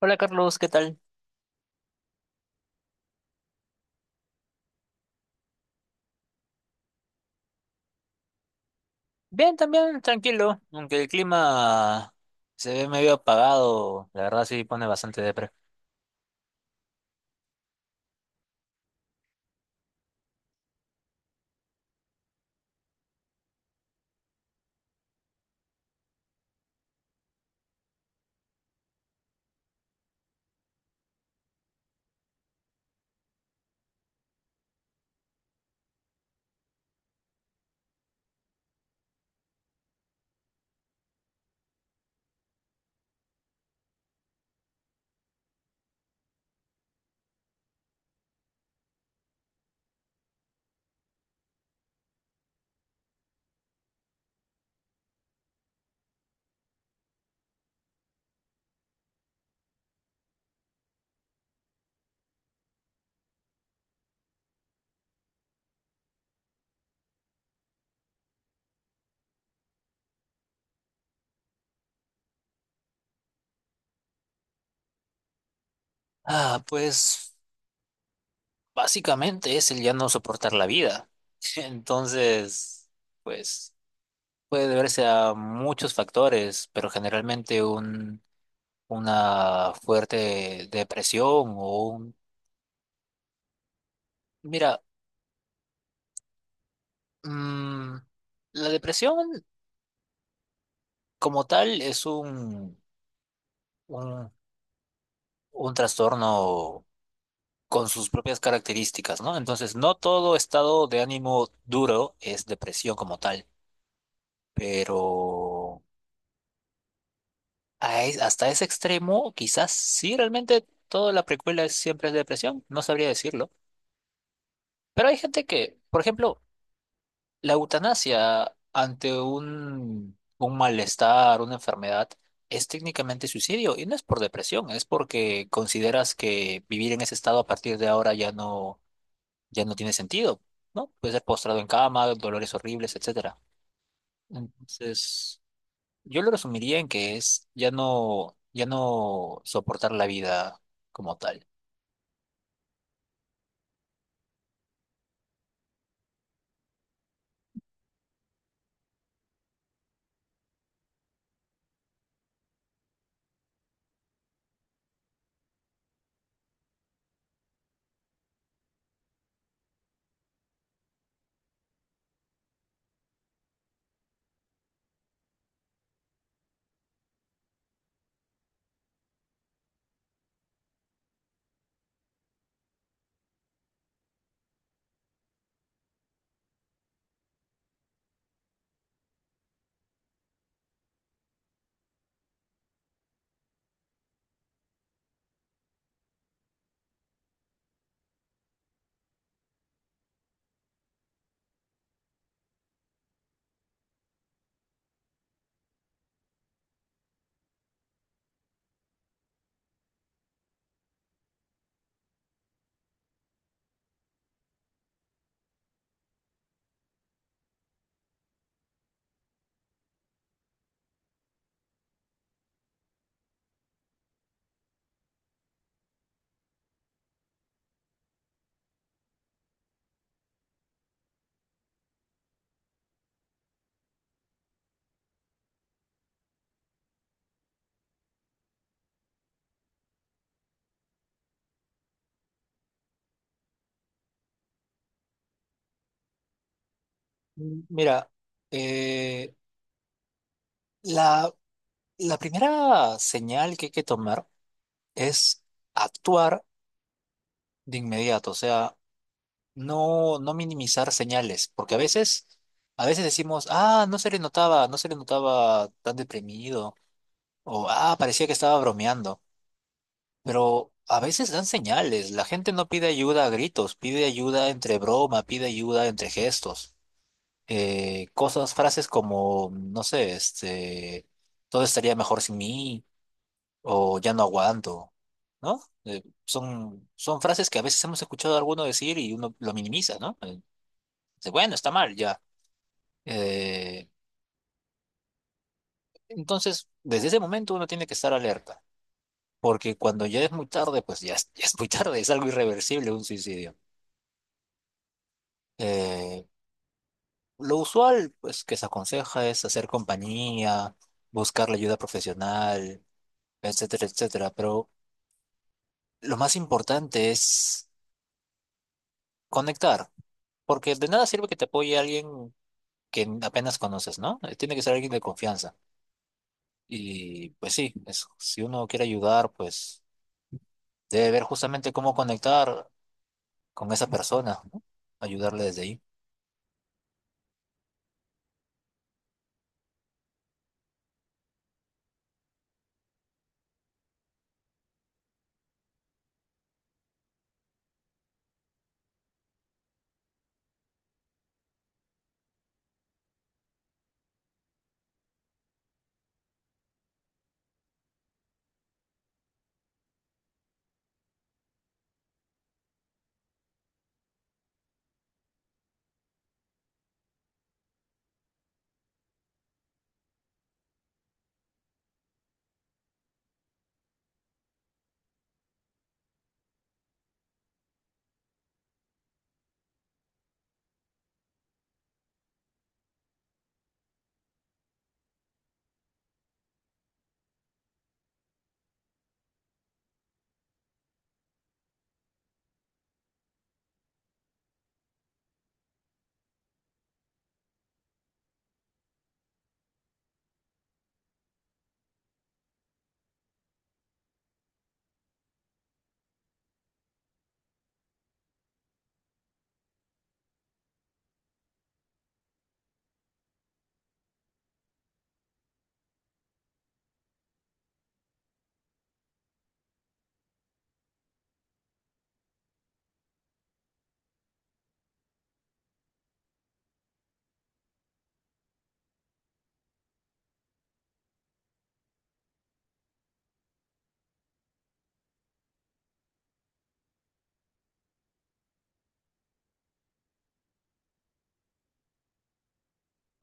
Hola Carlos, ¿qué tal? Bien, también tranquilo, aunque el clima se ve medio apagado, la verdad sí pone bastante depre. Ah, pues básicamente es el ya no soportar la vida. Entonces, pues puede deberse a muchos factores, pero generalmente una fuerte depresión o un... Mira, mm, la depresión como tal es un, un trastorno con sus propias características, ¿no? Entonces, no todo estado de ánimo duro es depresión como tal, pero hasta ese extremo, quizás sí, realmente toda la precuela siempre es depresión, no sabría decirlo. Pero hay gente que, por ejemplo, la eutanasia ante un malestar, una enfermedad, es técnicamente suicidio y no es por depresión, es porque consideras que vivir en ese estado a partir de ahora ya no tiene sentido, ¿no? Puede ser postrado en cama, dolores horribles, etcétera. Entonces, yo lo resumiría en que es ya no soportar la vida como tal. Mira, eh, la, la primera señal que hay que tomar es actuar de inmediato, o sea, no minimizar señales, porque a veces decimos, ah, no se le notaba tan deprimido, o ah, parecía que estaba bromeando. Pero a veces dan señales. La gente no pide ayuda a gritos, pide ayuda entre broma, pide ayuda entre gestos. Frases como, no sé, este, todo estaría mejor sin mí o ya no aguanto, ¿no? Son frases que a veces hemos escuchado a alguno decir y uno lo minimiza, ¿no? Dice, bueno, está mal, ya. Eh, entonces, desde ese momento uno tiene que estar alerta, porque cuando ya es muy tarde, pues ya, ya es muy tarde, es algo irreversible un suicidio. Eh, Lo usual, pues, que se aconseja es hacer compañía, buscar la ayuda profesional, etcétera, etcétera. Pero lo más importante es conectar, porque de nada sirve que te apoye alguien que apenas conoces, ¿no? Tiene que ser alguien de confianza. Y pues sí, si uno quiere ayudar, pues debe ver justamente cómo conectar con esa persona, ¿no? Ayudarle desde ahí.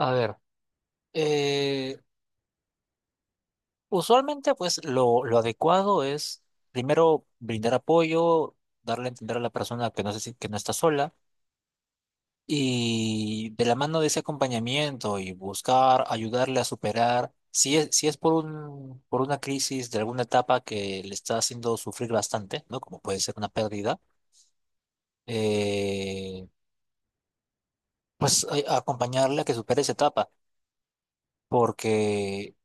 A ver, usualmente, pues lo adecuado es primero brindar apoyo, darle a entender a la persona que no, se, si- que no está sola, y de la mano de ese acompañamiento y buscar ayudarle a superar, si si es por por una crisis de alguna etapa que le está haciendo sufrir bastante, ¿no? Como puede ser una pérdida, eh, pues acompañarle a que supere esa etapa, porque,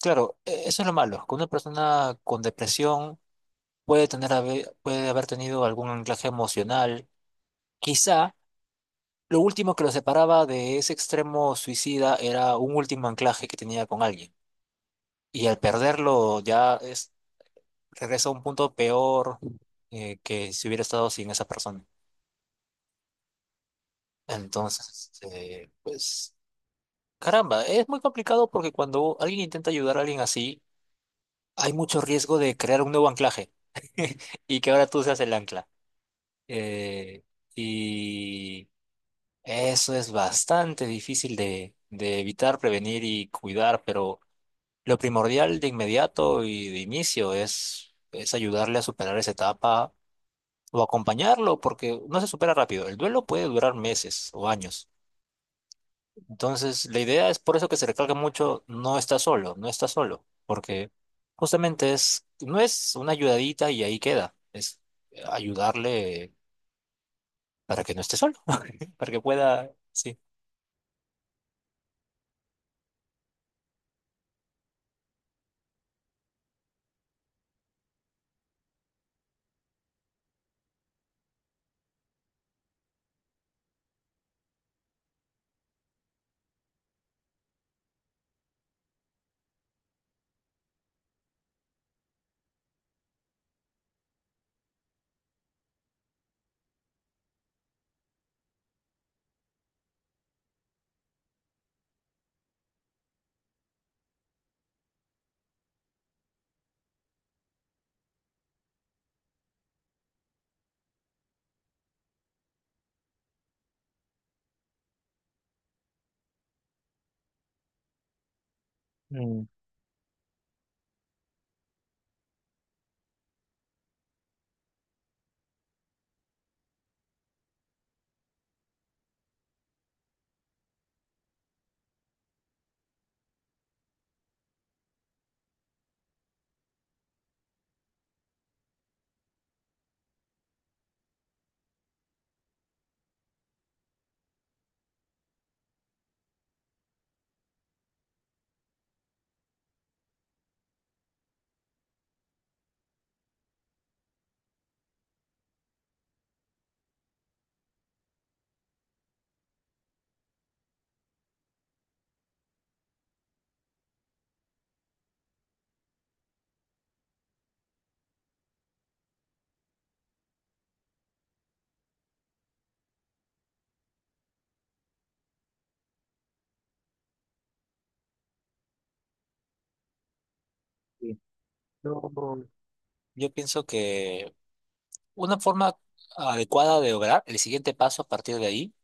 claro, eso es lo malo, con una persona con depresión puede haber tenido algún anclaje emocional. Quizá lo último que lo separaba de ese extremo suicida era un último anclaje que tenía con alguien. Y al perderlo regresa a un punto peor, que si hubiera estado sin esa persona. Entonces, pues, caramba, es muy complicado porque cuando alguien intenta ayudar a alguien así, hay mucho riesgo de crear un nuevo anclaje y que ahora tú seas el ancla. Eh, y Eso es bastante difícil de evitar, prevenir y cuidar, pero lo primordial de inmediato y de inicio es ayudarle a superar esa etapa o acompañarlo, porque no se supera rápido. El duelo puede durar meses o años. Entonces, la idea es por eso que se recalca mucho, no está solo, no está solo, porque justamente no es una ayudadita y ahí queda, es ayudarle para que no esté solo, para que pueda, sí. Mm, sí. No, yo pienso que una forma adecuada de lograr el siguiente paso a partir de ahí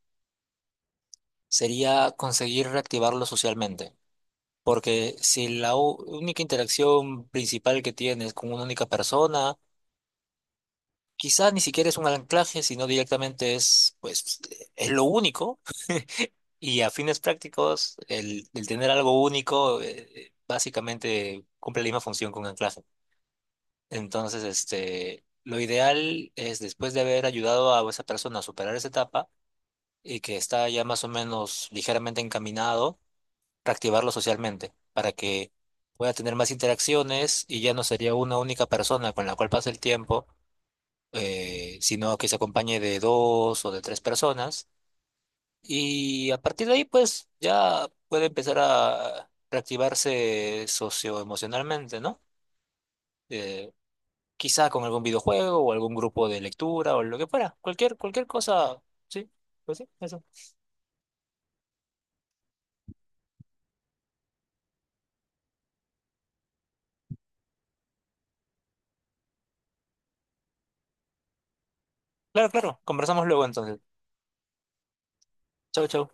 sería conseguir reactivarlo socialmente. Porque si la única interacción principal que tienes es con una única persona, quizás ni siquiera es un anclaje, sino directamente es, pues, es lo único. Y a fines prácticos, el tener algo único, básicamente cumple la misma función que un anclaje. Entonces, este, lo ideal es después de haber ayudado a esa persona a superar esa etapa, y que está ya más o menos ligeramente encaminado, reactivarlo socialmente para que pueda tener más interacciones y ya no sería una única persona con la cual pasa el tiempo, sino que se acompañe de dos o de tres personas. Y a partir de ahí, pues ya puede empezar a reactivarse socioemocionalmente, ¿no? Eh, quizá con algún videojuego o algún grupo de lectura o lo que fuera, cualquier cosa, sí, pues sí, eso. Claro, claro, conversamos luego entonces. Chau, chau.